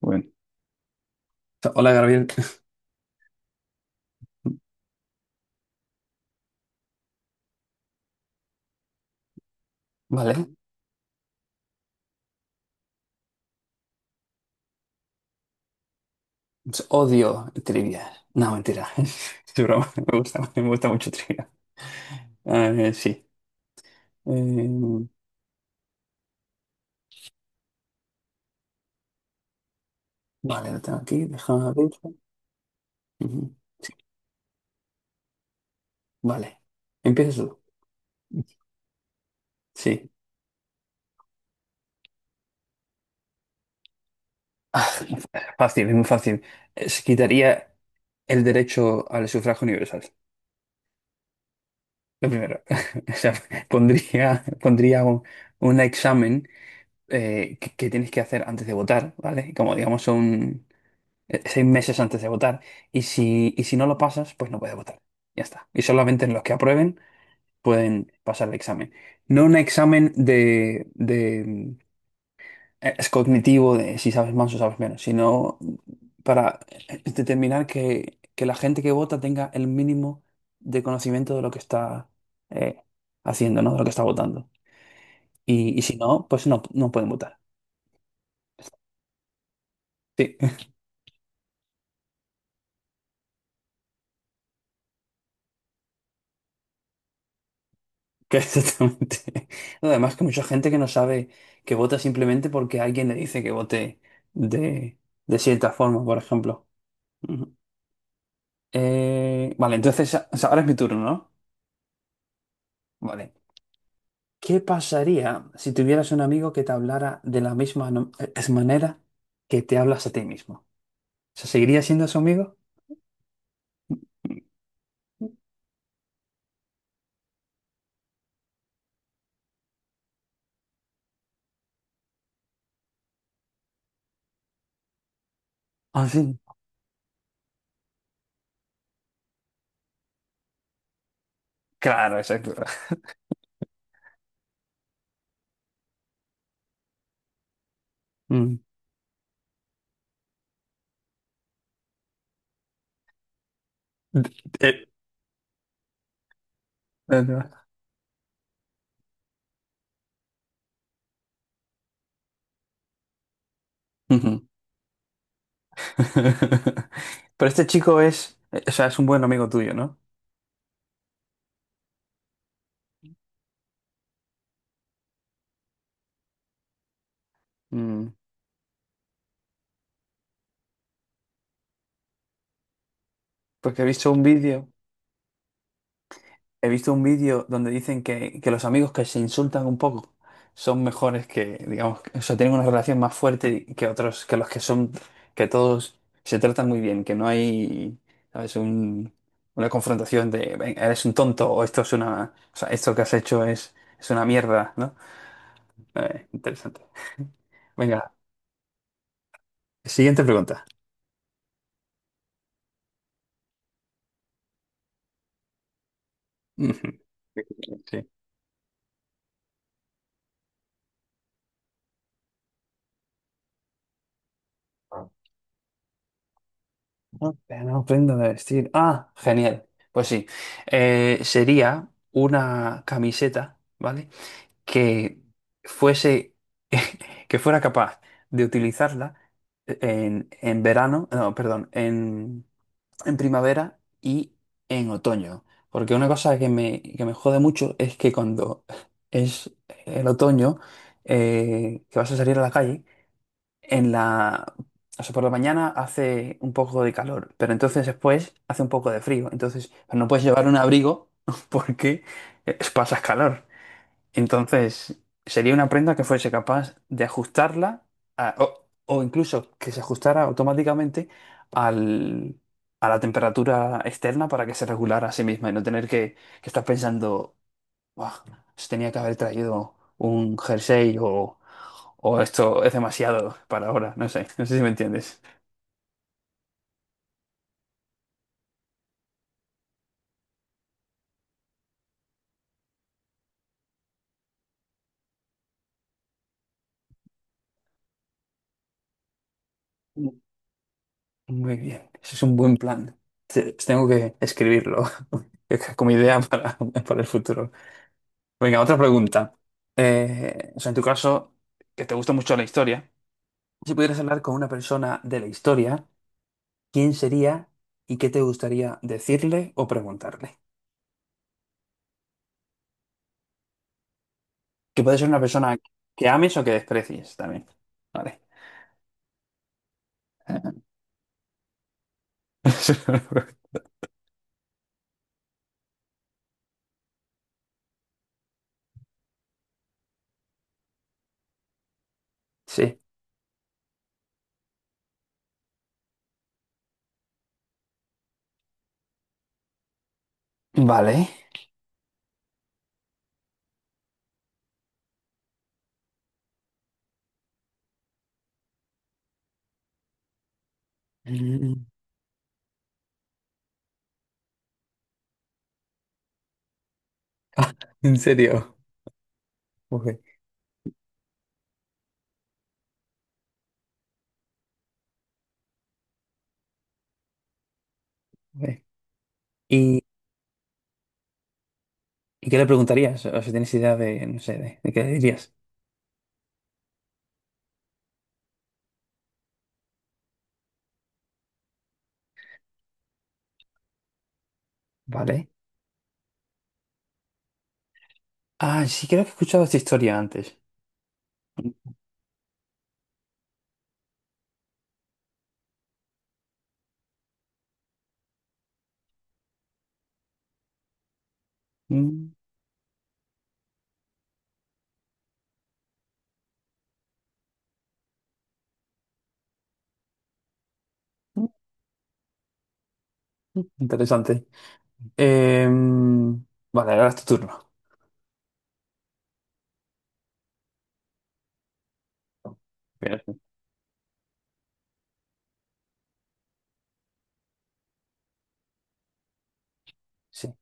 Bueno, hola, Gabriel. Vale. Pues odio trivia. No, mentira. Es broma. Me gusta mucho trivia. A sí. Eh, vale, lo tengo aquí. Déjame abrirlo. Ujú. Vale. ¿Empiezas tú? Sí. Ah, fácil, es muy fácil. Se quitaría el derecho al sufragio universal. Lo primero. O sea, pondría un examen que tienes que hacer antes de votar, ¿vale? Como digamos un seis meses antes de votar. Y si no lo pasas, pues no puedes votar. Ya está. Y solamente en los que aprueben pueden pasar el examen. No un examen de es cognitivo, de si sabes más o sabes menos, sino para determinar que la gente que vota tenga el mínimo de conocimiento de lo que está eh, haciendo, ¿no? De lo que está votando. Y si no, pues no pueden votar. Sí. Que exactamente. No, además que mucha gente que no sabe que vota simplemente porque alguien le dice que vote de, de cierta forma, por ejemplo. Ujú. Vale, entonces o sea, ahora es mi turno, ¿no? Vale. ¿Qué pasaría si tuvieras un amigo que te hablara de la misma no- es manera que te hablas a ti mismo? ¿Se seguiría siendo su amigo? Ah, sí. Claro, exacto. Mm. Eh, no. Ujú. Pero este chico es, o sea, es un buen amigo tuyo, ¿no? Mm, porque he visto un vídeo, he visto un vídeo donde dicen que los amigos que se insultan un poco son mejores que, digamos, o sea, tienen una relación más fuerte que otros, que los que son, que todos se tratan muy bien, que no hay, ¿sabes? Una confrontación de: "Ven, eres un tonto o esto es una, o sea, esto que has hecho es una mierda", ¿no? Interesante. Venga, siguiente pregunta. Ujú. Sí. No, no prenda de vestir. Ah, genial. Pues sí. Sería una camiseta, ¿vale? Que fuese, que fuera capaz de utilizarla en verano, no, perdón, en primavera y en otoño. Porque una cosa que me jode mucho es que cuando es el otoño, que vas a salir a la calle, en la, o sea, por la mañana hace un poco de calor, pero entonces después hace un poco de frío. Entonces pues no puedes llevar un abrigo porque pasas calor. Entonces sería una prenda que fuese capaz de o incluso que se ajustara automáticamente al, a la temperatura externa para que se regulara a sí misma y no tener que estar pensando. Buah, se tenía que haber traído un jersey o esto es demasiado para ahora. No sé, no sé si me entiendes. Mm. Muy bien, ese es un buen plan. Te- Tengo que escribirlo como idea para el futuro. Venga, otra pregunta. O sea, en tu caso, que te gusta mucho la historia, si pudieras hablar con una persona de la historia, ¿quién sería y qué te gustaría decirle o preguntarle? Que puede ser una persona que ames o que desprecies también. Vale. Sí. Vale. Mm. Ah, ¿en serio? Ok, ok. ¿Y, y qué le preguntarías? O si tienes idea de, no sé, de qué le dirías. Vale. Ah, sí, creo que he escuchado esta historia antes. Mm. mm, Interesante. Em, vale, ahora es tu turno. Bien. Sí.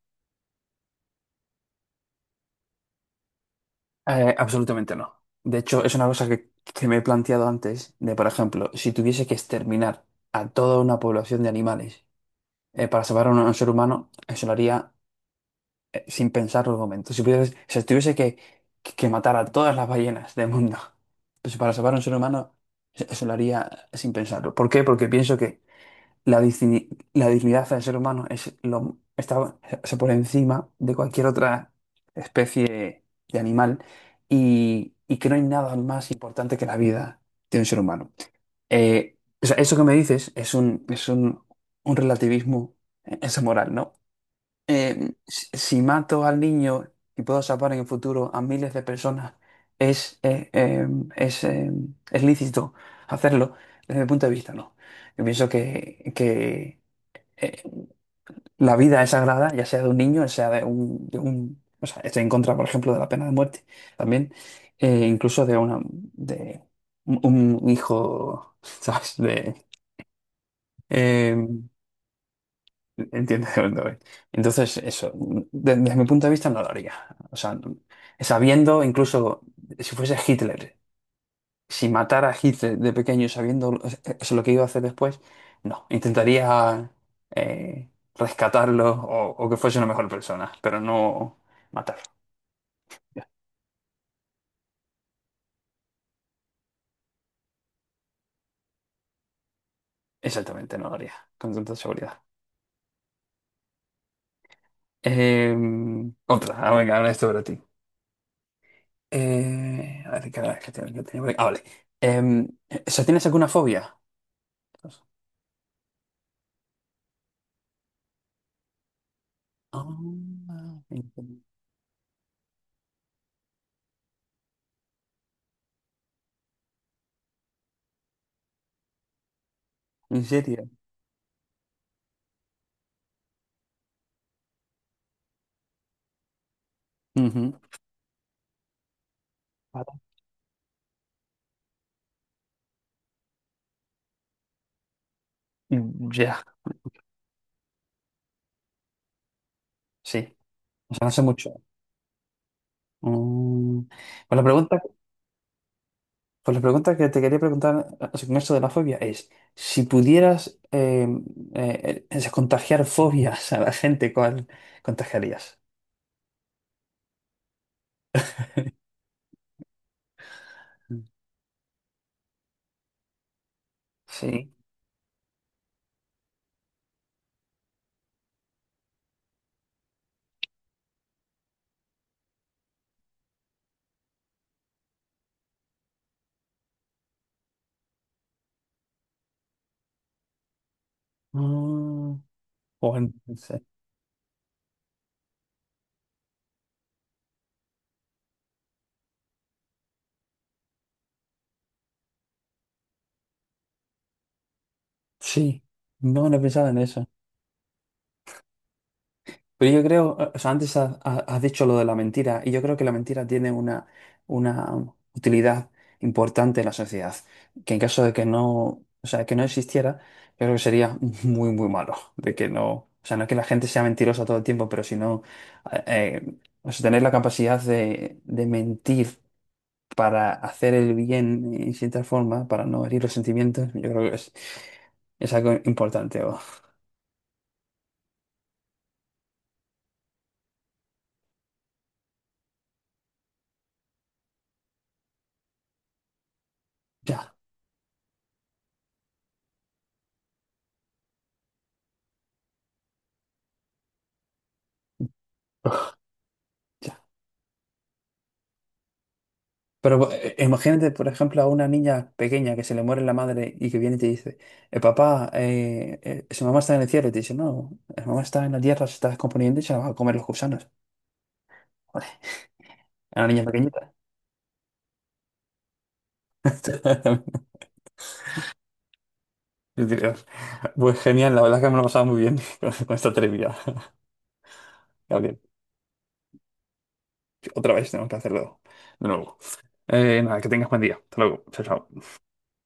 Absolutamente no. De hecho, es una cosa que me he planteado antes, de por ejemplo, si tuviese que exterminar a toda una población de animales para salvar a a un ser humano, eso lo haría sin pensarlo un momento. Si tuviese que matar a todas las ballenas del mundo, pues para salvar a un ser humano, eso lo haría sin pensarlo. ¿Por qué? Porque pienso que la, digni- la dignidad del ser humano está está por encima de cualquier otra especie de animal y que no hay nada más importante que la vida de un ser humano. O sea, eso que me dices es un relativismo, es moral, ¿no? Si si mato al niño y puedo salvar en el futuro a miles de personas, es, eh, eh, es, eh, es lícito hacerlo desde mi punto de vista, ¿no? Yo pienso que eh, la vida es sagrada, ya sea de un niño, ya sea de un... O sea, estoy en contra, por ejemplo, de la pena de muerte también, incluso de una de un hijo, ¿sabes? Eh, Entiendo de dónde voy. Entonces, desde mi punto de vista no lo haría. O sea, no- Sabiendo, incluso si fuese Hitler, si matara a Hitler de pequeño, sabiendo es lo que iba a hacer después, no. Intentaría eh, rescatarlo o que fuese una mejor persona, pero no matarlo. Exactamente, no lo haría, con tanta seguridad. Eh, Venga, ahora esto para ti. A ver, ¿qué tengo por aquí? Ah, vale. Em, ¿Tienes alguna fobia? Ah, entiendo. ¿En serio? Ujú. Vale. Mm, ya, sí, o sea, no sé mucho. Mm. Pues la pregunta, pues la pregunta que te quería preguntar con esto de la fobia es, si pudieras contagiar fobias a la gente, ¿cuál contagiarías? Sí. Mm, bueno, no sé. Sí, no, no he pensado en eso. Pero yo creo, o sea, antes has dicho lo de la mentira, y yo creo que la mentira tiene una utilidad importante en la sociedad, que en caso de que no, o sea, que no existiera, yo creo que sería muy, muy malo, de que no, o sea, no que la gente sea mentirosa todo el tiempo, pero sino, eh, eh, o sea, tener la capacidad de mentir para hacer el bien en cierta forma, para no herir los sentimientos, yo creo que es algo importante. Ya, ya. Pero imagínate, por ejemplo, a una niña pequeña que se le muere la madre y que viene y te dice: papá, su mamá está en el cielo. Y te dice: no, su mamá está en la tierra, se está descomponiendo y se la van a comer los gusanos. Joder, a una niña pequeñita. Yo diría, pues genial, la verdad es que me lo he pasado muy bien con esta trivia, Gabriel. Otra vez tenemos que hacerlo de nuevo. Nada, que tengas buen día. Hasta luego. Chao, chao.